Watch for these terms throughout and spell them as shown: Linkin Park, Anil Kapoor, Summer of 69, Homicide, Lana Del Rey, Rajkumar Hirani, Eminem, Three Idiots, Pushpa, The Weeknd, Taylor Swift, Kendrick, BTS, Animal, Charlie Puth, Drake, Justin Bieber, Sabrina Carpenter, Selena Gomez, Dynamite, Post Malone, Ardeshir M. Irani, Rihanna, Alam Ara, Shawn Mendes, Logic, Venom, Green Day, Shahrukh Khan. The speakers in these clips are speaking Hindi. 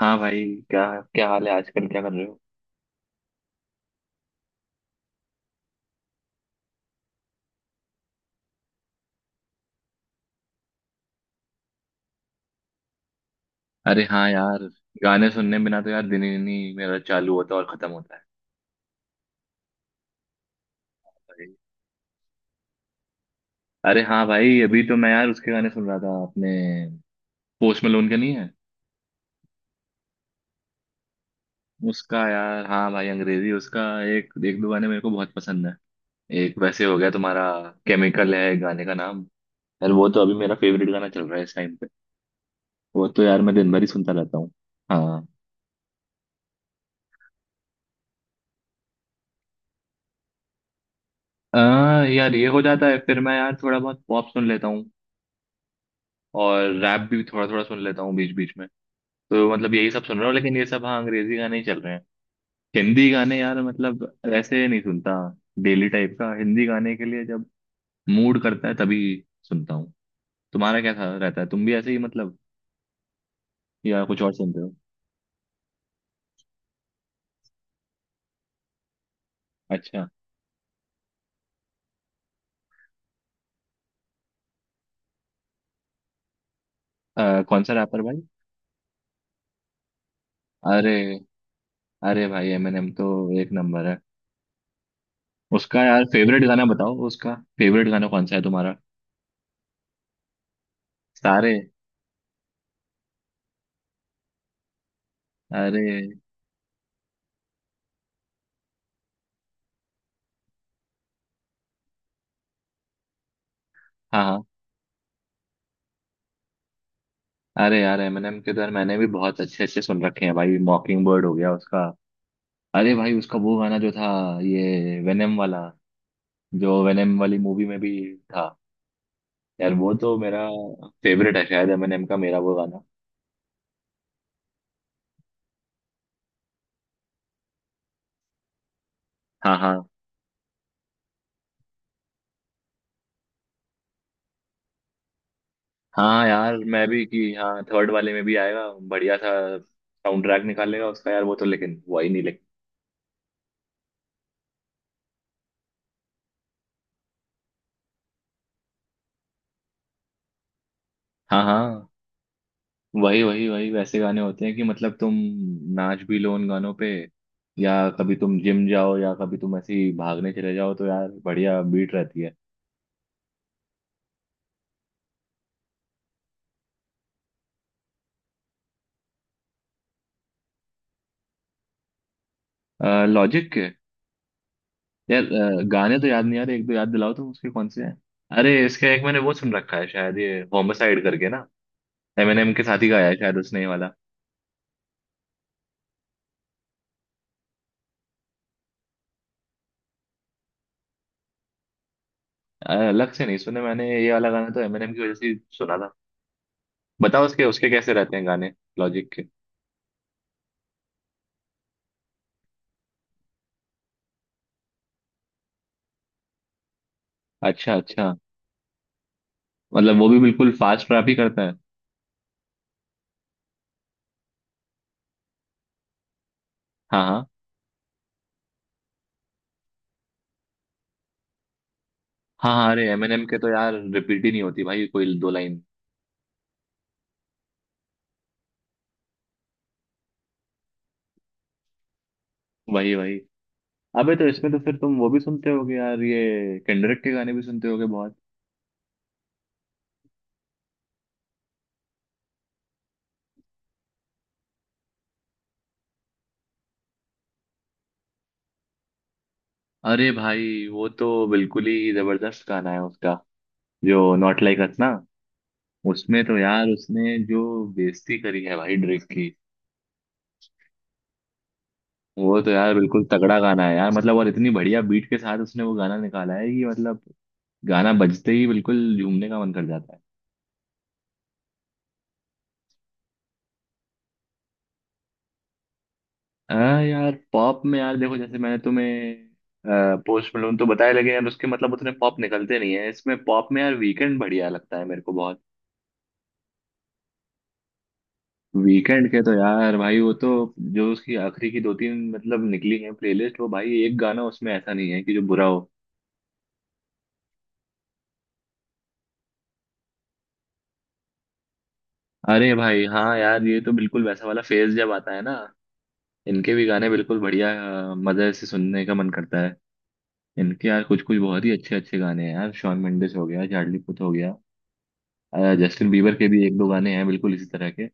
हाँ भाई। क्या क्या हाल है आजकल क्या कर रहे हो? अरे हाँ यार, गाने सुनने बिना तो यार दिन ही नहीं मेरा चालू होता और खत्म होता है भाई। अरे हाँ भाई, अभी तो मैं यार उसके गाने सुन रहा था अपने, पोस्ट मलोन के नहीं है उसका यार। हाँ भाई, अंग्रेजी उसका एक एक दो गाने मेरे को बहुत पसंद है। एक वैसे हो गया तुम्हारा, केमिकल है गाने का नाम। यार वो तो अभी मेरा फेवरेट गाना चल रहा है इस टाइम पे। वो तो यार मैं दिन भर ही सुनता रहता हूँ। हाँ। यार ये हो जाता है, फिर मैं यार थोड़ा बहुत पॉप सुन लेता हूँ, और रैप भी थोड़ा थोड़ा सुन लेता हूँ बीच बीच में। तो मतलब यही सब सुन रहा हूँ, लेकिन ये सब हाँ अंग्रेजी गाने ही चल रहे हैं। हिंदी गाने यार मतलब ऐसे नहीं सुनता, डेली टाइप का। हिंदी गाने के लिए जब मूड करता है तभी सुनता हूँ। तुम्हारा क्या था, रहता है तुम भी ऐसे ही मतलब, या कुछ और सुनते हो? अच्छा, कौन सा रैपर भाई? अरे, अरे भाई एमिनेम तो एक नंबर है। उसका यार फेवरेट गाना बताओ, उसका फेवरेट गाना कौन सा है तुम्हारा? सारे? अरे हाँ हाँ। अरे यार एमएनएम के तो यार मैंने भी बहुत अच्छे अच्छे सुन रखे हैं भाई, मॉकिंग बर्ड हो गया उसका। अरे भाई उसका वो गाना जो था, ये वेनम वाला, जो वेनम वाली मूवी में भी था, यार वो तो मेरा फेवरेट है शायद, एमएनएम का मेरा वो गाना। हाँ हाँ हाँ यार मैं भी कि हाँ थर्ड वाले में भी आएगा बढ़िया सा साउंड ट्रैक निकालेगा उसका यार। वो तो लेकिन, वो ही नहीं लेकिन। हाँ हाँ वही वही वही वैसे गाने होते हैं कि मतलब तुम नाच भी लो उन गानों पे, या कभी तुम जिम जाओ, या कभी तुम ऐसे ही भागने चले जाओ तो यार बढ़िया बीट रहती है। लॉजिक के यार, गाने तो याद नहीं आ रहे, एक दो याद दिलाओ तुम उसके कौन से हैं। अरे इसका एक मैंने वो सुन रखा है शायद, ये होमसाइड करके ना, एमिनेम के साथ ही गाया है शायद उसने ये वाला। अलग से नहीं सुने मैंने, ये वाला गाना तो एमिनेम की वजह से ही सुना था। बताओ उसके उसके कैसे रहते हैं गाने, लॉजिक के। अच्छा अच्छा। मतलब वो भी बिल्कुल फास्ट रैप ही करता है? हाँ हाँ। हाँ हाँ, अरे एमएनएम के तो यार रिपीट ही नहीं होती भाई कोई दो लाइन। वही वही। अबे तो इसमें तो फिर तुम वो भी सुनते होगे यार, ये केंड्रिक के गाने भी सुनते होगे बहुत। अरे भाई वो तो बिल्कुल ही जबरदस्त गाना है उसका, जो नॉट लाइक अस ना, उसमें तो यार उसने जो बेइज्जती करी है भाई ड्रेक की, वो तो यार बिल्कुल तगड़ा गाना है यार मतलब। और इतनी बढ़िया बीट के साथ उसने वो गाना निकाला है कि मतलब गाना बजते ही बिल्कुल झूमने का मन कर जाता है। हाँ यार पॉप में, यार देखो जैसे मैंने तुम्हें पोस्ट मलोन तो बताया लगे यार, उसके मतलब उतने पॉप निकलते नहीं है। इसमें पॉप में यार वीकेंड बढ़िया लगता है मेरे को बहुत। वीकेंड के तो यार भाई वो तो, जो उसकी आखिरी की दो तीन मतलब निकली है प्लेलिस्ट, वो भाई एक गाना उसमें ऐसा नहीं है कि जो बुरा हो। अरे भाई हाँ यार, ये तो बिल्कुल वैसा वाला फेज जब आता है ना, इनके भी गाने बिल्कुल बढ़िया मजे से सुनने का मन करता है। इनके यार कुछ कुछ बहुत ही अच्छे अच्छे गाने हैं यार, शॉन मेंडिस हो गया, चार्ली पुथ हो गया, जस्टिन बीबर के भी एक दो गाने हैं बिल्कुल इसी तरह के।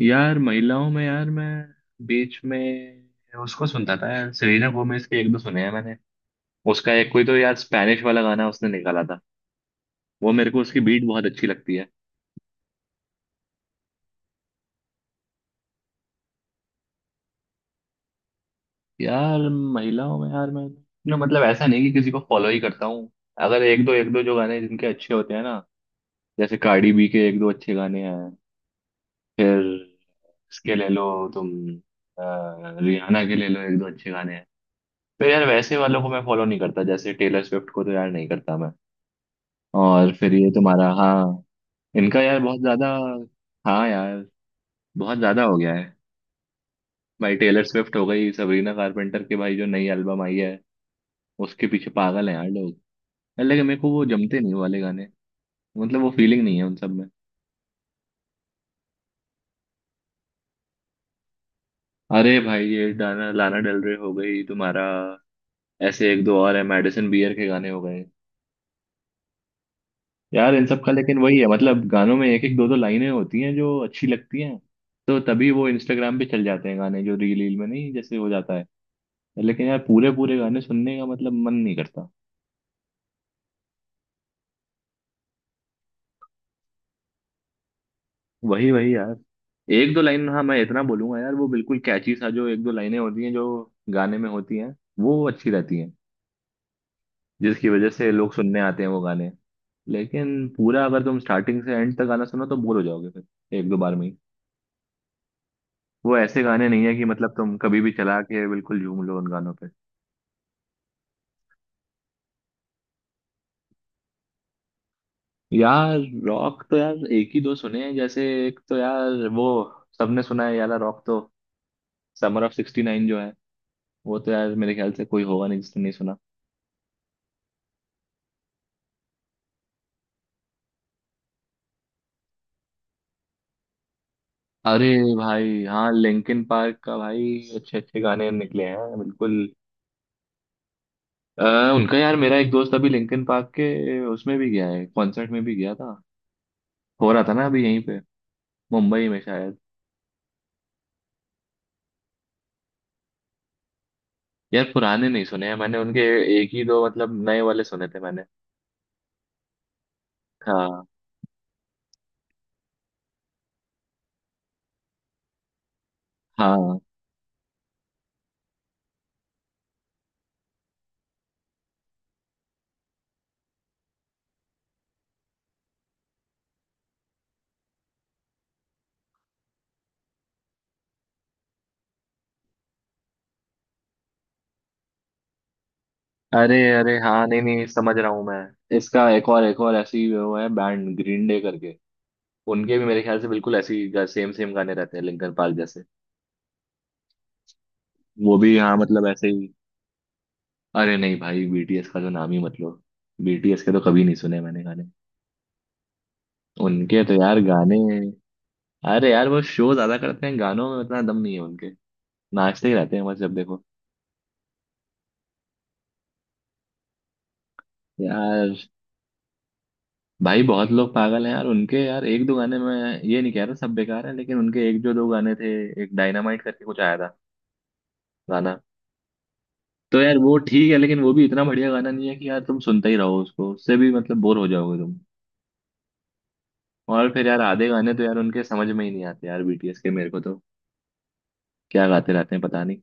यार महिलाओं में यार मैं बीच में उसको सुनता था यार, सेलेना गोमेज के एक दो सुने हैं मैंने। उसका एक कोई तो यार स्पैनिश वाला गाना उसने निकाला था, वो मेरे को उसकी बीट बहुत अच्छी लगती है। यार महिलाओं में यार मैं ना मतलब ऐसा नहीं कि किसी को फॉलो ही करता हूँ, अगर एक दो एक दो जो गाने जिनके अच्छे होते हैं ना, जैसे कार्डी बी के एक दो अच्छे गाने हैं, फिर इसके ले लो तुम, रियाना के ले लो एक दो अच्छे गाने हैं। फिर यार वैसे वालों को मैं फॉलो नहीं करता, जैसे टेलर स्विफ्ट को तो यार नहीं करता मैं। और फिर ये तुम्हारा हाँ, इनका यार बहुत ज्यादा। हाँ यार बहुत ज्यादा हो गया है। भाई टेलर स्विफ्ट हो गई, सबरीना कारपेंटर के भाई जो नई एल्बम आई है, उसके पीछे पागल है यार लोग। यार, लेकिन मेरे को वो जमते नहीं, वो वाले गाने, मतलब वो फीलिंग नहीं है उन सब में। अरे भाई ये डाना, लाना डेल रे हो गई तुम्हारा, ऐसे एक दो और है, मेडिसिन बियर के गाने हो गए, यार इन सब का। लेकिन वही है मतलब, गानों में एक एक दो दो लाइनें होती हैं जो अच्छी लगती हैं, तो तभी वो इंस्टाग्राम पे चल जाते हैं गाने, जो रील रील में नहीं जैसे हो जाता है। लेकिन यार पूरे पूरे गाने सुनने का मतलब मन नहीं करता। वही वही यार, एक दो लाइन हाँ मैं इतना बोलूंगा यार, वो बिल्कुल कैची सा जो एक दो लाइनें होती हैं जो गाने में होती हैं वो अच्छी रहती हैं, जिसकी वजह से लोग सुनने आते हैं वो गाने। लेकिन पूरा अगर तुम स्टार्टिंग से एंड तक गाना सुनो तो बोर हो जाओगे फिर एक दो बार में ही। वो ऐसे गाने नहीं है कि मतलब तुम कभी भी चला के बिल्कुल झूम लो उन गानों पे। यार रॉक तो यार एक ही दो सुने हैं, जैसे एक तो यार वो सबने सुना है यार रॉक तो, समर ऑफ 69 जो है, वो तो यार मेरे ख्याल से कोई होगा नहीं जिसने नहीं सुना। अरे भाई हाँ, लिंकिन पार्क का भाई अच्छे अच्छे गाने निकले हैं बिल्कुल। अ, उनका यार मेरा एक दोस्त अभी लिंकिन पार्क के उसमें भी गया है, कॉन्सर्ट में भी गया था, हो रहा था ना अभी यहीं पे, मुंबई में शायद। यार पुराने नहीं सुने हैं मैंने उनके, एक ही दो मतलब नए वाले सुने थे मैंने। हाँ हाँ। अरे अरे हाँ, नहीं नहीं समझ रहा हूँ मैं, इसका एक और ऐसी वो है, बैंड ग्रीन डे करके। उनके भी मेरे ख्याल से बिल्कुल ऐसी सेम सेम गाने रहते हैं लिंकन पार्क जैसे। वो भी हाँ मतलब ऐसे ही। अरे नहीं भाई, बीटीएस का तो नाम ही मत लो, बीटीएस के तो कभी नहीं सुने मैंने गाने, उनके तो यार गाने, अरे यार वो शो ज्यादा करते हैं, गानों में उतना दम नहीं है उनके, नाचते ही रहते हैं बस जब देखो। यार भाई बहुत लोग पागल हैं यार उनके, यार एक दो गाने में ये नहीं कह रहा सब बेकार है, लेकिन उनके एक जो दो गाने थे, एक डायनामाइट करके कुछ आया था गाना, तो यार वो ठीक है, लेकिन वो भी इतना बढ़िया गाना नहीं है कि यार तुम सुनते ही रहो उसको, उससे भी मतलब बोर हो जाओगे तुम। और फिर यार आधे गाने तो यार उनके समझ में ही नहीं आते यार बीटीएस के मेरे को तो, क्या गाते रहते हैं पता नहीं।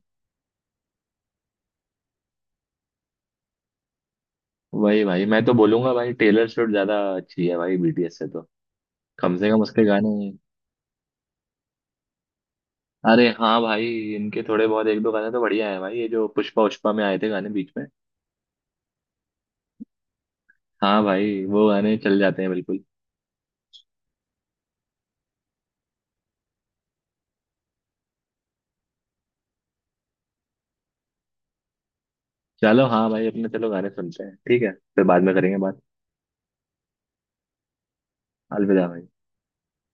वही भाई मैं तो बोलूंगा भाई, टेलर स्विफ्ट ज्यादा अच्छी है भाई बीटीएस से तो, कम से कम उसके गाने। अरे हाँ भाई, इनके थोड़े बहुत एक दो गाने तो बढ़िया है भाई, ये जो पुष्पा उष्पा में आए थे गाने बीच में। हाँ भाई वो गाने चल जाते हैं बिल्कुल। चलो हाँ भाई, अपने चलो गाने सुनते हैं, ठीक है फिर बाद में करेंगे बात। अलविदा भाई।